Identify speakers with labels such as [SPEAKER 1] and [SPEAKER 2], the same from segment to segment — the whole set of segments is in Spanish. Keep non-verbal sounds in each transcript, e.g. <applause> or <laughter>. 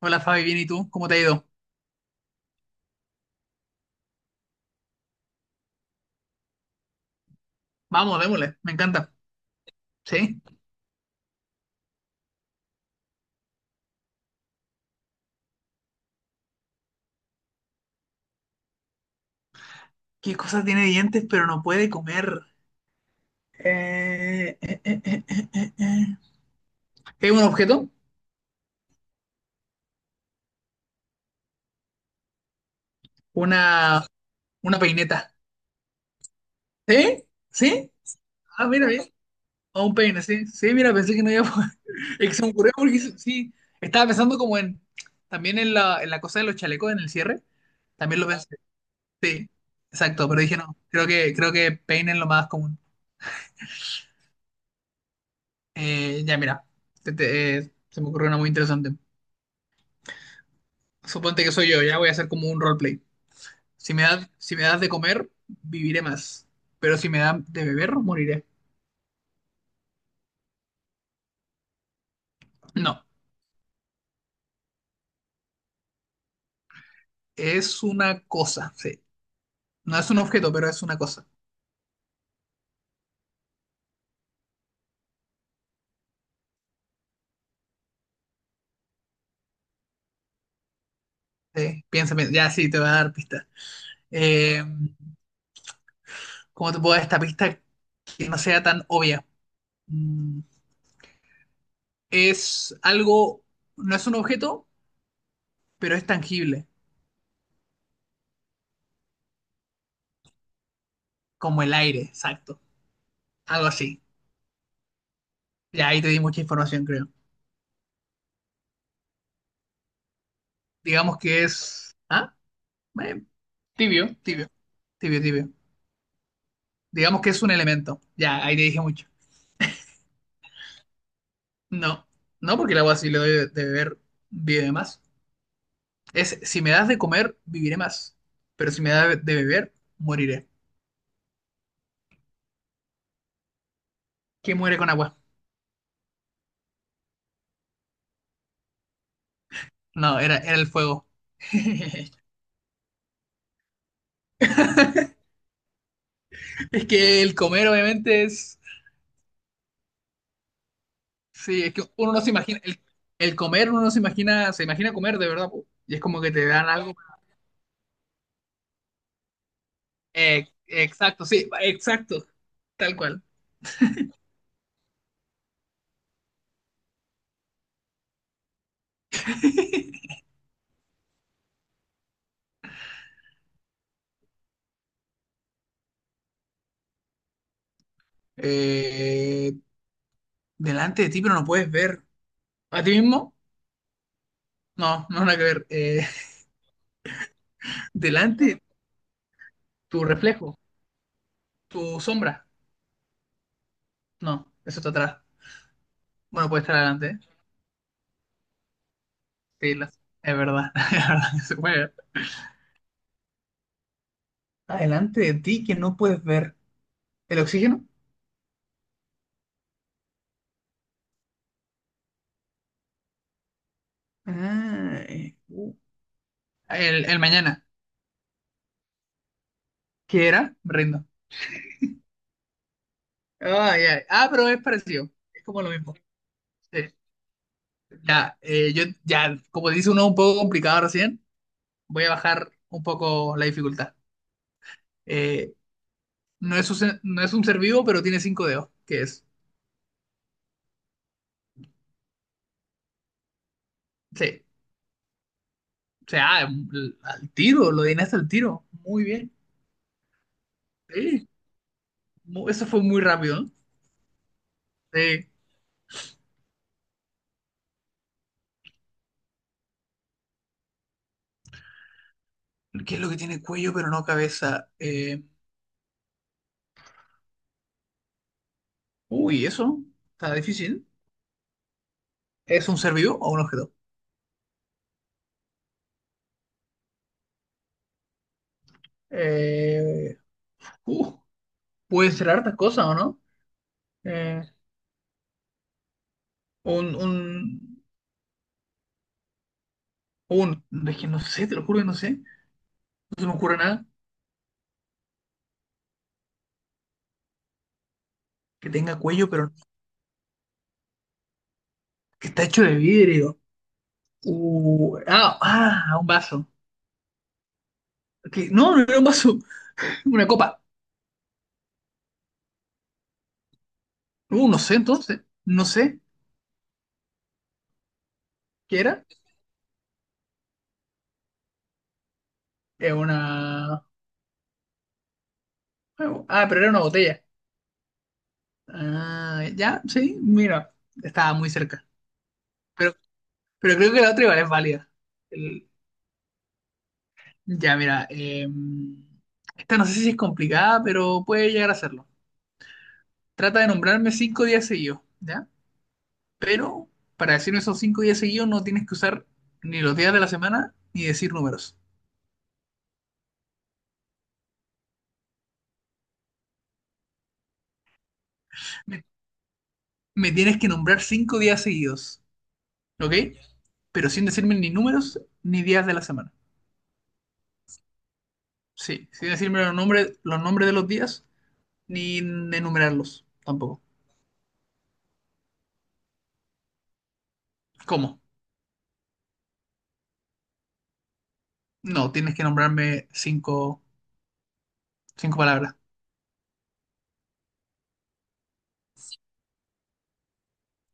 [SPEAKER 1] Hola Fabi, bien, ¿y tú? ¿Cómo te ha ido? Vamos, démosle, me encanta. ¿Sí? ¿Qué cosa tiene dientes pero no puede comer? Eh, eh, eh, eh, eh, eh, eh. ¿Es un objeto? Una, una peineta. ¿Sí? ¿Sí? Ah, mira, bien. O un peine, sí. Sí, mira, pensé que no iba a poder. <laughs> Es que se me ocurrió porque sí, sí. Estaba pensando como también en en la cosa de los chalecos, en el cierre. También lo pensé. Sí, exacto, pero dije no, creo que peine es lo más común. Ya, mira, se me ocurrió una muy interesante. Suponte que soy yo, ya voy a hacer como un roleplay. Si me das de comer, viviré más. Pero si me dan de beber, moriré. No, es una cosa, sí. No es un objeto, pero es una cosa. Sí, piensa, piensa. Ya, sí, te voy a dar pistas. Eh, ¿Cómo te puedo dar esta pista que no sea tan obvia? Mm, es algo, no es un objeto, pero es tangible, como el aire, exacto. Algo así. Ya ahí te di mucha información, creo. Digamos que es. ¿Ah? Eh, tibio, tibio, tibio, tibio. Digamos que es un elemento. Ya, ahí te dije mucho. No, no porque el agua si le doy de beber, vive más. Es si me das de comer, viviré más. Pero si me das de beber, moriré. ¿Qué muere con agua? No, era el fuego. <laughs> Es que el comer, obviamente, es. Sí, es que uno no se imagina. El comer, uno no se imagina. Se imagina comer de verdad, po. Y es como que te dan algo. Exacto, sí, exacto. Tal cual. <laughs> Eh, delante de ti, pero no puedes ver. ¿A ti mismo? No, no nada que ver. <laughs> Delante, tu reflejo, tu sombra. No, eso está atrás. Bueno, puede estar adelante. ¿Eh? Sí, las- es verdad. <laughs> Es verdad que se puede ver. Adelante de ti que no puedes ver. ¿El oxígeno? Ah, el mañana. ¿Qué era? Me rindo. Ah, ya. Ah, pero es parecido. Es como lo mismo. Sí. Ya, como dice uno un poco complicado recién, voy a bajar un poco la dificultad. Eh, no, no es un ser vivo, pero tiene cinco dedos, que es... Sí, o sea, al tiro, lo adivinaste al tiro. Muy bien. Sí, mu- eso fue muy rápido. ¿No? Sí. ¿Qué es lo que tiene cuello, pero no cabeza? Uy, eso está difícil. ¿Es un ser vivo o un objeto? Eh, uh, puede ser hartas cosas, ¿o no? Eh, un, un, un... Es que no sé, te lo juro que no sé. No se me ocurre nada que tenga cuello, pero que está hecho de vidrio. Ah, ah, un vaso. Que- No, no era un vaso, <laughs> una copa. No sé entonces, no sé qué era. Era una... bueno, ah, pero era una botella. Ah, ya, sí, mira, estaba muy cerca. Pero, pero creo que la otra igual es válida. El- Ya, mira, esta no sé si es complicada, pero puede llegar a serlo. Trata de nombrarme cinco días seguidos, ¿ya? Pero para decirme esos cinco días seguidos no tienes que usar ni los días de la semana ni decir números. Me tienes que nombrar cinco días seguidos, ¿ok? Pero sin decirme ni números ni días de la semana. Sí, sin decirme los nombres de los días ni enumerarlos tampoco. ¿Cómo? No, tienes que nombrarme cinco palabras.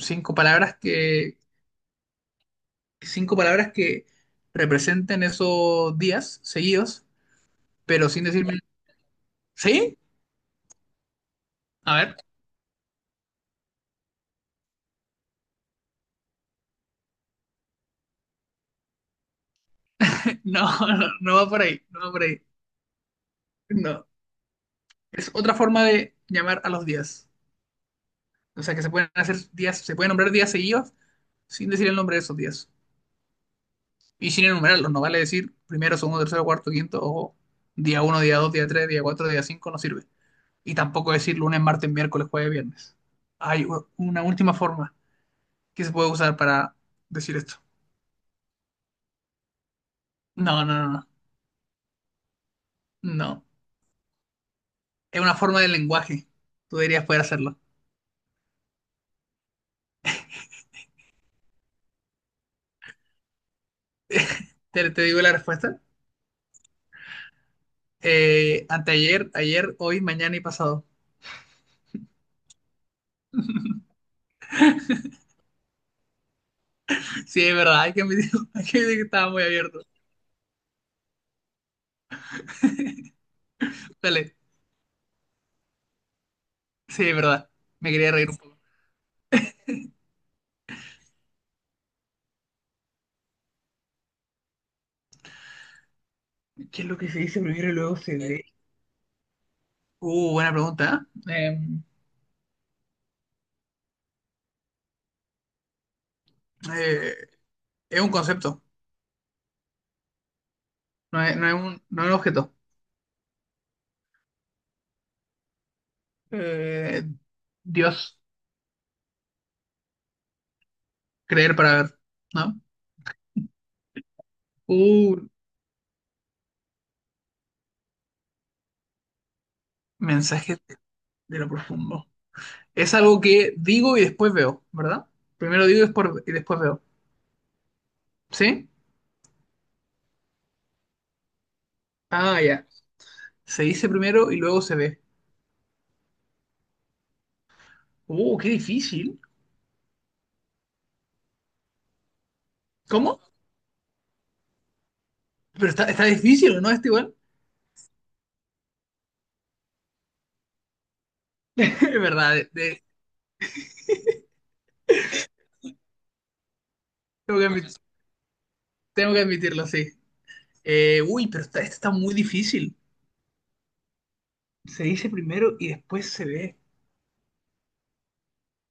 [SPEAKER 1] Cinco palabras que, cinco palabras que representen esos días seguidos, pero sin decirme, ¿sí? A ver, <laughs> no, no, no va por ahí, no va por ahí. No, es otra forma de llamar a los días. O sea, que se pueden hacer días, se pueden nombrar días seguidos sin decir el nombre de esos días. Y sin enumerarlos, no vale decir primero, segundo, tercero, cuarto, quinto, o día uno, día dos, día tres, día cuatro, día cinco, no sirve. Y tampoco decir lunes, martes, miércoles, jueves, viernes. Hay una última forma que se puede usar para decir esto. No, no, no, no. No. Es una forma de lenguaje. Tú deberías poder hacerlo. ¿Te, te digo la respuesta? Anteayer, ayer, hoy, mañana y pasado. <laughs> Sí, es verdad. Hay que admitir, <laughs> hay que admitir que estaba muy abierto. Dale. Sí, es verdad. Me quería reír un poco. ¿Qué es lo que se dice primero y luego se ve? Buena pregunta. ¿Eh? Eh, eh, es un concepto, no es un objeto. Eh, Dios, creer para ver, ¿no? Uh, mensaje de lo profundo. Es algo que digo y después veo, ¿verdad? Primero digo y y después veo. ¿Sí? Ah, ya. Se dice primero y luego se ve. Qué difícil. ¿Cómo? Pero está difícil, ¿no? Está igual. <laughs> Es verdad, tengo que admitir. Tengo que admitirlo, sí. Uy, pero esta está muy difícil. Se dice primero y después se ve.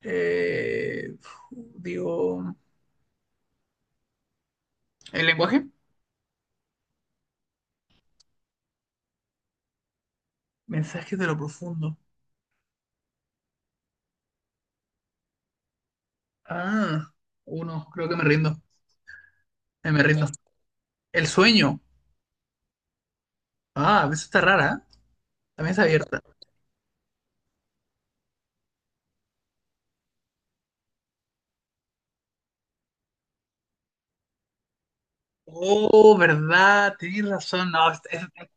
[SPEAKER 1] Eh, digo, ¿el lenguaje? Mensajes de lo profundo. Ah, uno, creo que me rindo. Me rindo. El sueño. Ah, a veces está rara, ¿eh? También está abierta. Oh, ¿verdad? Tienes razón. No, es-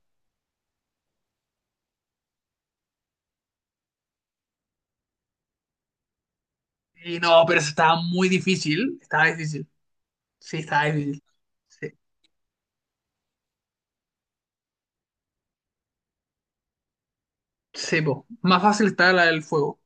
[SPEAKER 1] y no, pero eso estaba muy difícil. Estaba difícil. Sí, estaba difícil. Sí, sí, po. Más fácil está la del fuego.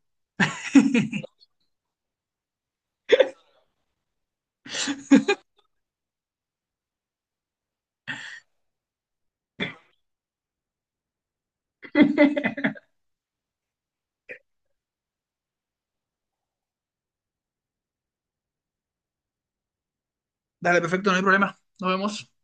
[SPEAKER 1] Dale, perfecto, no hay problema. Nos vemos.